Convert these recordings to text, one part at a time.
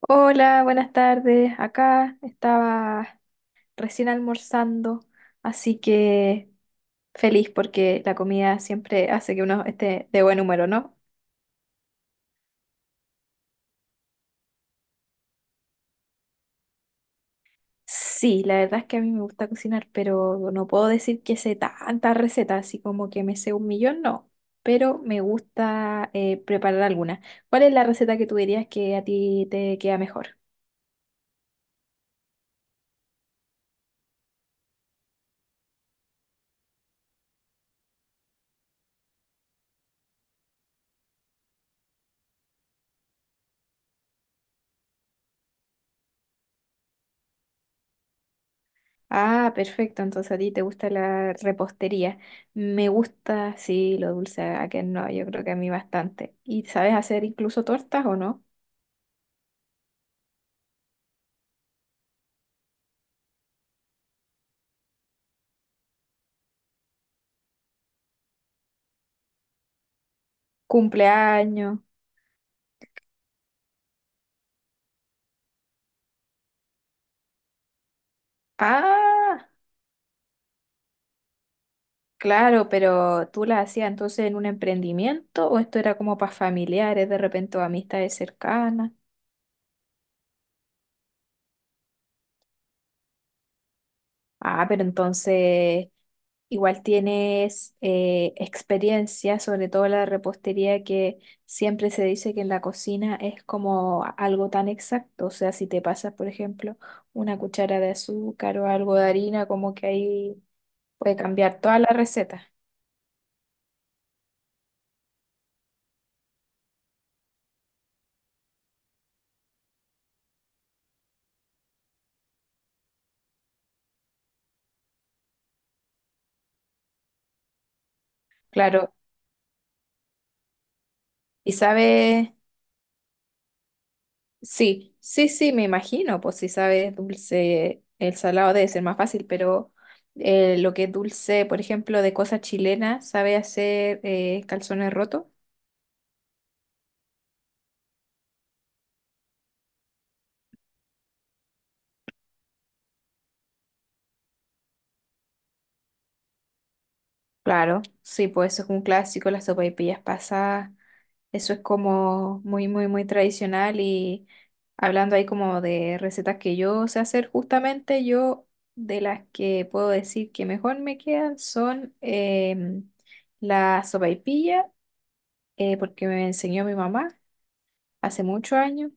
Hola, buenas tardes. Acá estaba recién almorzando, así que feliz porque la comida siempre hace que uno esté de buen humor, ¿o no? Sí, la verdad es que a mí me gusta cocinar, pero no puedo decir que sé tantas recetas, así como que me sé un millón, no. Pero me gusta preparar alguna. ¿Cuál es la receta que tú dirías que a ti te queda mejor? Ah, perfecto. Entonces a ti te gusta la repostería. Me gusta, sí, lo dulce. A que no, yo creo que a mí bastante. ¿Y sabes hacer incluso tortas o no? Cumpleaños. Ah, claro, pero tú las hacías entonces en un emprendimiento o esto era como para familiares, de repente o amistades cercanas. Ah, pero entonces igual tienes experiencia, sobre todo la repostería, que siempre se dice que en la cocina es como algo tan exacto. O sea, si te pasas, por ejemplo, una cuchara de azúcar o algo de harina, como que ahí puede cambiar toda la receta. Claro, y sabes. Sí, sí, sí, me imagino, pues si sabes dulce, el salado debe ser más fácil, pero lo que es dulce, por ejemplo, de cosas chilenas, ¿sabe hacer calzones rotos? Claro, sí, pues eso es un clásico, las sopaipillas pasadas, eso es como muy, muy, muy tradicional y hablando ahí como de recetas que yo sé hacer, justamente yo de las que puedo decir que mejor me quedan son la sopaipilla porque me enseñó mi mamá hace muchos años.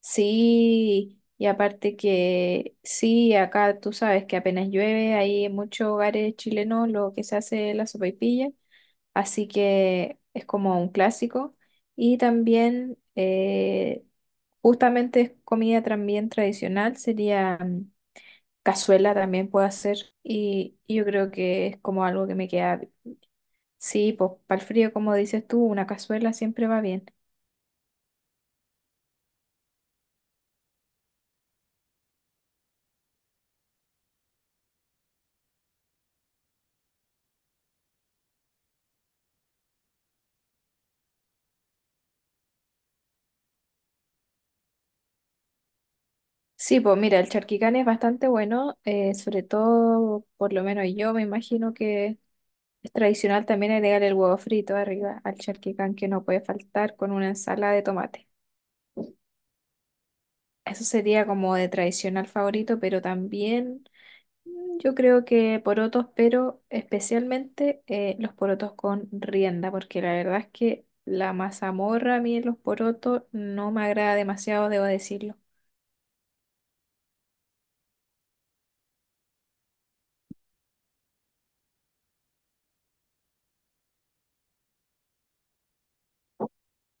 Sí, y aparte que sí, acá tú sabes que apenas llueve, hay en muchos hogares chilenos lo que se hace es la sopaipilla, así que es como un clásico. Y también, justamente es comida también tradicional, sería cazuela también puedo hacer, y yo creo que es como algo que me queda, sí, pues para el frío, como dices tú, una cazuela siempre va bien. Sí, pues mira, el charquicán es bastante bueno, sobre todo, por lo menos yo me imagino que es tradicional también agregar el huevo frito arriba al charquicán que no puede faltar con una ensalada de tomate. Eso sería como de tradicional favorito, pero también yo creo que porotos, pero especialmente los porotos con rienda, porque la verdad es que la mazamorra a mí en los porotos no me agrada demasiado, debo decirlo.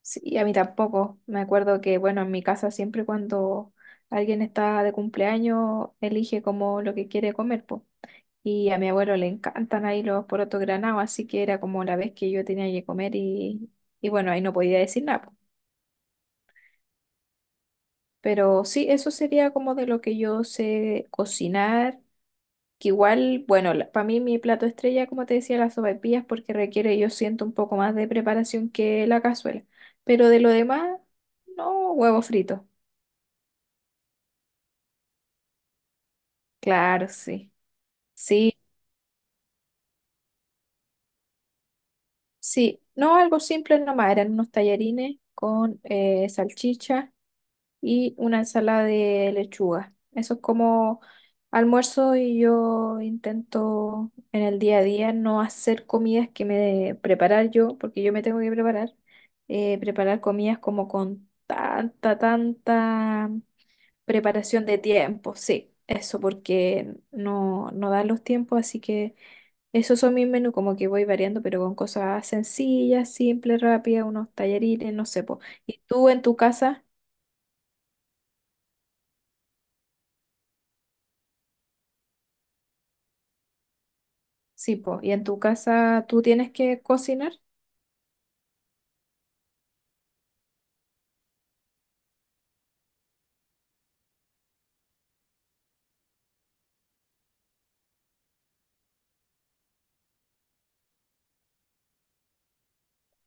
Sí, a mí tampoco. Me acuerdo que, bueno, en mi casa siempre cuando alguien está de cumpleaños, elige como lo que quiere comer, po. Y a mi abuelo le encantan ahí los porotos granados, así que era como la vez que yo tenía que comer y bueno, ahí no podía decir nada, po. Pero sí, eso sería como de lo que yo sé cocinar, que igual, bueno, para mí mi plato estrella, como te decía, las sopaipillas, porque requiere, yo siento, un poco más de preparación que la cazuela. Pero de lo demás, no, huevo frito. Claro, sí. Sí, sí. No, algo simple nomás. Eran unos tallarines con salchicha y una ensalada de lechuga. Eso es como almuerzo y yo intento en el día a día no hacer comidas que preparar yo, porque yo me tengo que preparar. Preparar comidas como con tanta preparación de tiempo. Sí, eso porque no, no dan los tiempos, así que... Esos son mis menús, como que voy variando, pero con cosas sencillas, simples, rápidas, unos tallarines, no sé, po. ¿Y tú en tu casa? Sí, po. ¿Y en tu casa tú tienes que cocinar?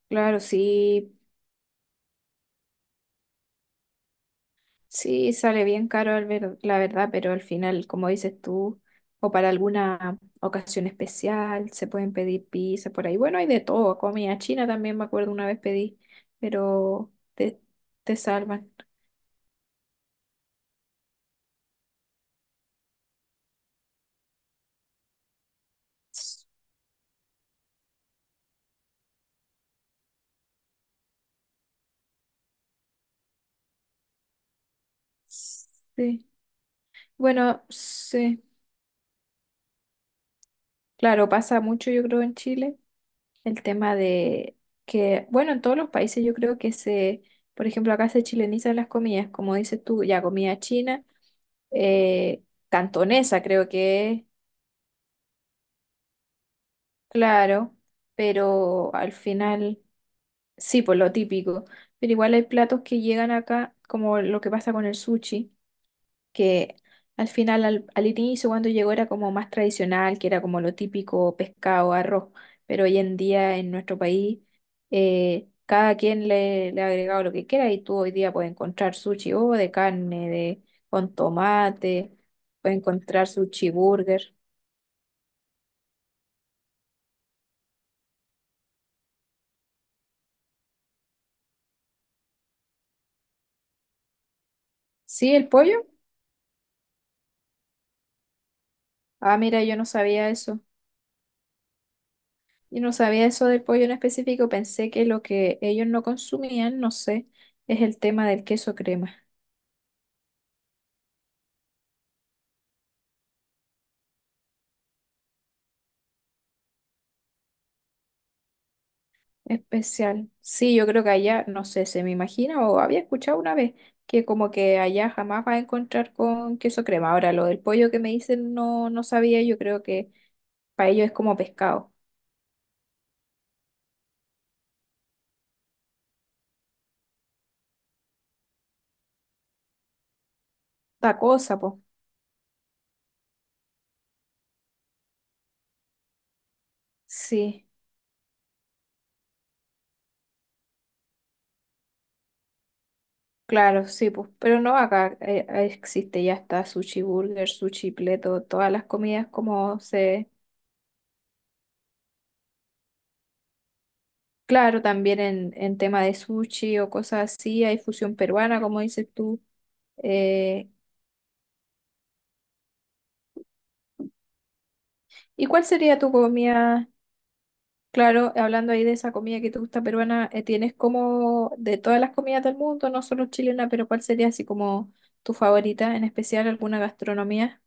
Claro, sí, sí, sale bien caro la verdad, pero al final, como dices tú, o para alguna ocasión especial, se pueden pedir pizza por ahí. Bueno, hay de todo, comida china también, me acuerdo una vez pedí, pero te, te salvan. Sí. Bueno, sí. Claro, pasa mucho, yo creo, en Chile, el tema de que, bueno, en todos los países yo creo que se, por ejemplo, acá se chilenizan las comidas, como dices tú, ya comida china, eh, cantonesa creo que es, claro, pero al final, sí, por lo típico, pero igual hay platos que llegan acá, como lo que pasa con el sushi que al final, al inicio cuando llegó era como más tradicional, que era como lo típico pescado, arroz, pero hoy en día en nuestro país cada quien le ha agregado lo que quiera y tú hoy día puedes encontrar sushi o de carne, de, con tomate, puedes encontrar sushi burger. ¿Sí, el pollo? Ah, mira, yo no sabía eso. Yo no sabía eso del pollo en específico, pensé que lo que ellos no consumían, no sé, es el tema del queso crema. Especial. Sí, yo creo que allá, no sé, se me imagina o había escuchado una vez que como que allá jamás vas a encontrar con queso crema. Ahora, lo del pollo que me dicen no, no sabía, yo creo que para ellos es como pescado. Otra cosa, pues. Sí, claro, sí, pues. Pero no acá existe, ya está sushi burger, sushi pleto, todas las comidas como se... Claro, también en tema de sushi o cosas así, hay fusión peruana, como dices tú. Eh, ¿Y cuál sería tu comida? Claro, hablando ahí de esa comida que te gusta peruana, ¿tienes como de todas las comidas del mundo, no solo chilena, pero cuál sería así como tu favorita, en especial alguna gastronomía?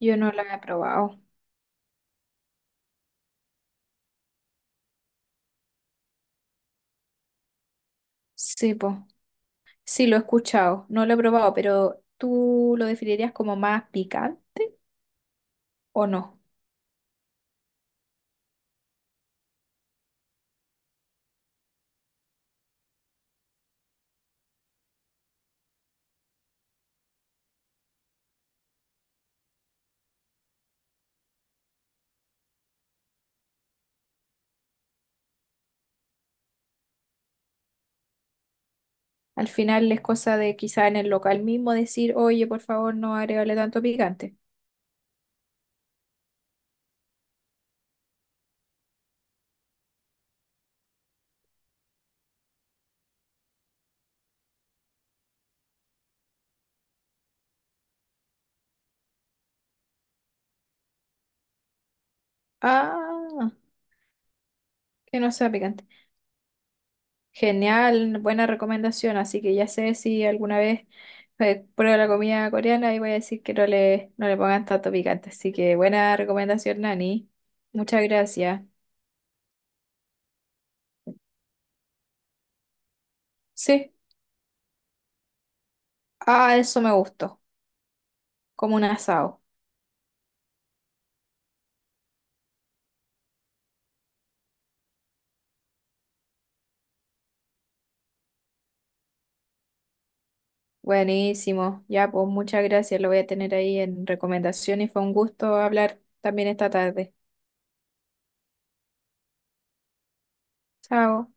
Yo no la he probado. Sí, pues, sí, lo he escuchado, no lo he probado, pero ¿tú lo definirías como más picante o no? Al final es cosa de quizá en el local mismo decir, oye, por favor, no agregarle tanto picante. Ah, que no sea picante. Genial, buena recomendación. Así que ya sé si alguna vez pruebo la comida coreana y voy a decir que no le pongan tanto picante. Así que buena recomendación, Nani. Muchas gracias. Sí, ah, eso me gustó. Como un asado. Buenísimo. Ya, pues muchas gracias. Lo voy a tener ahí en recomendación y fue un gusto hablar también esta tarde. Chao.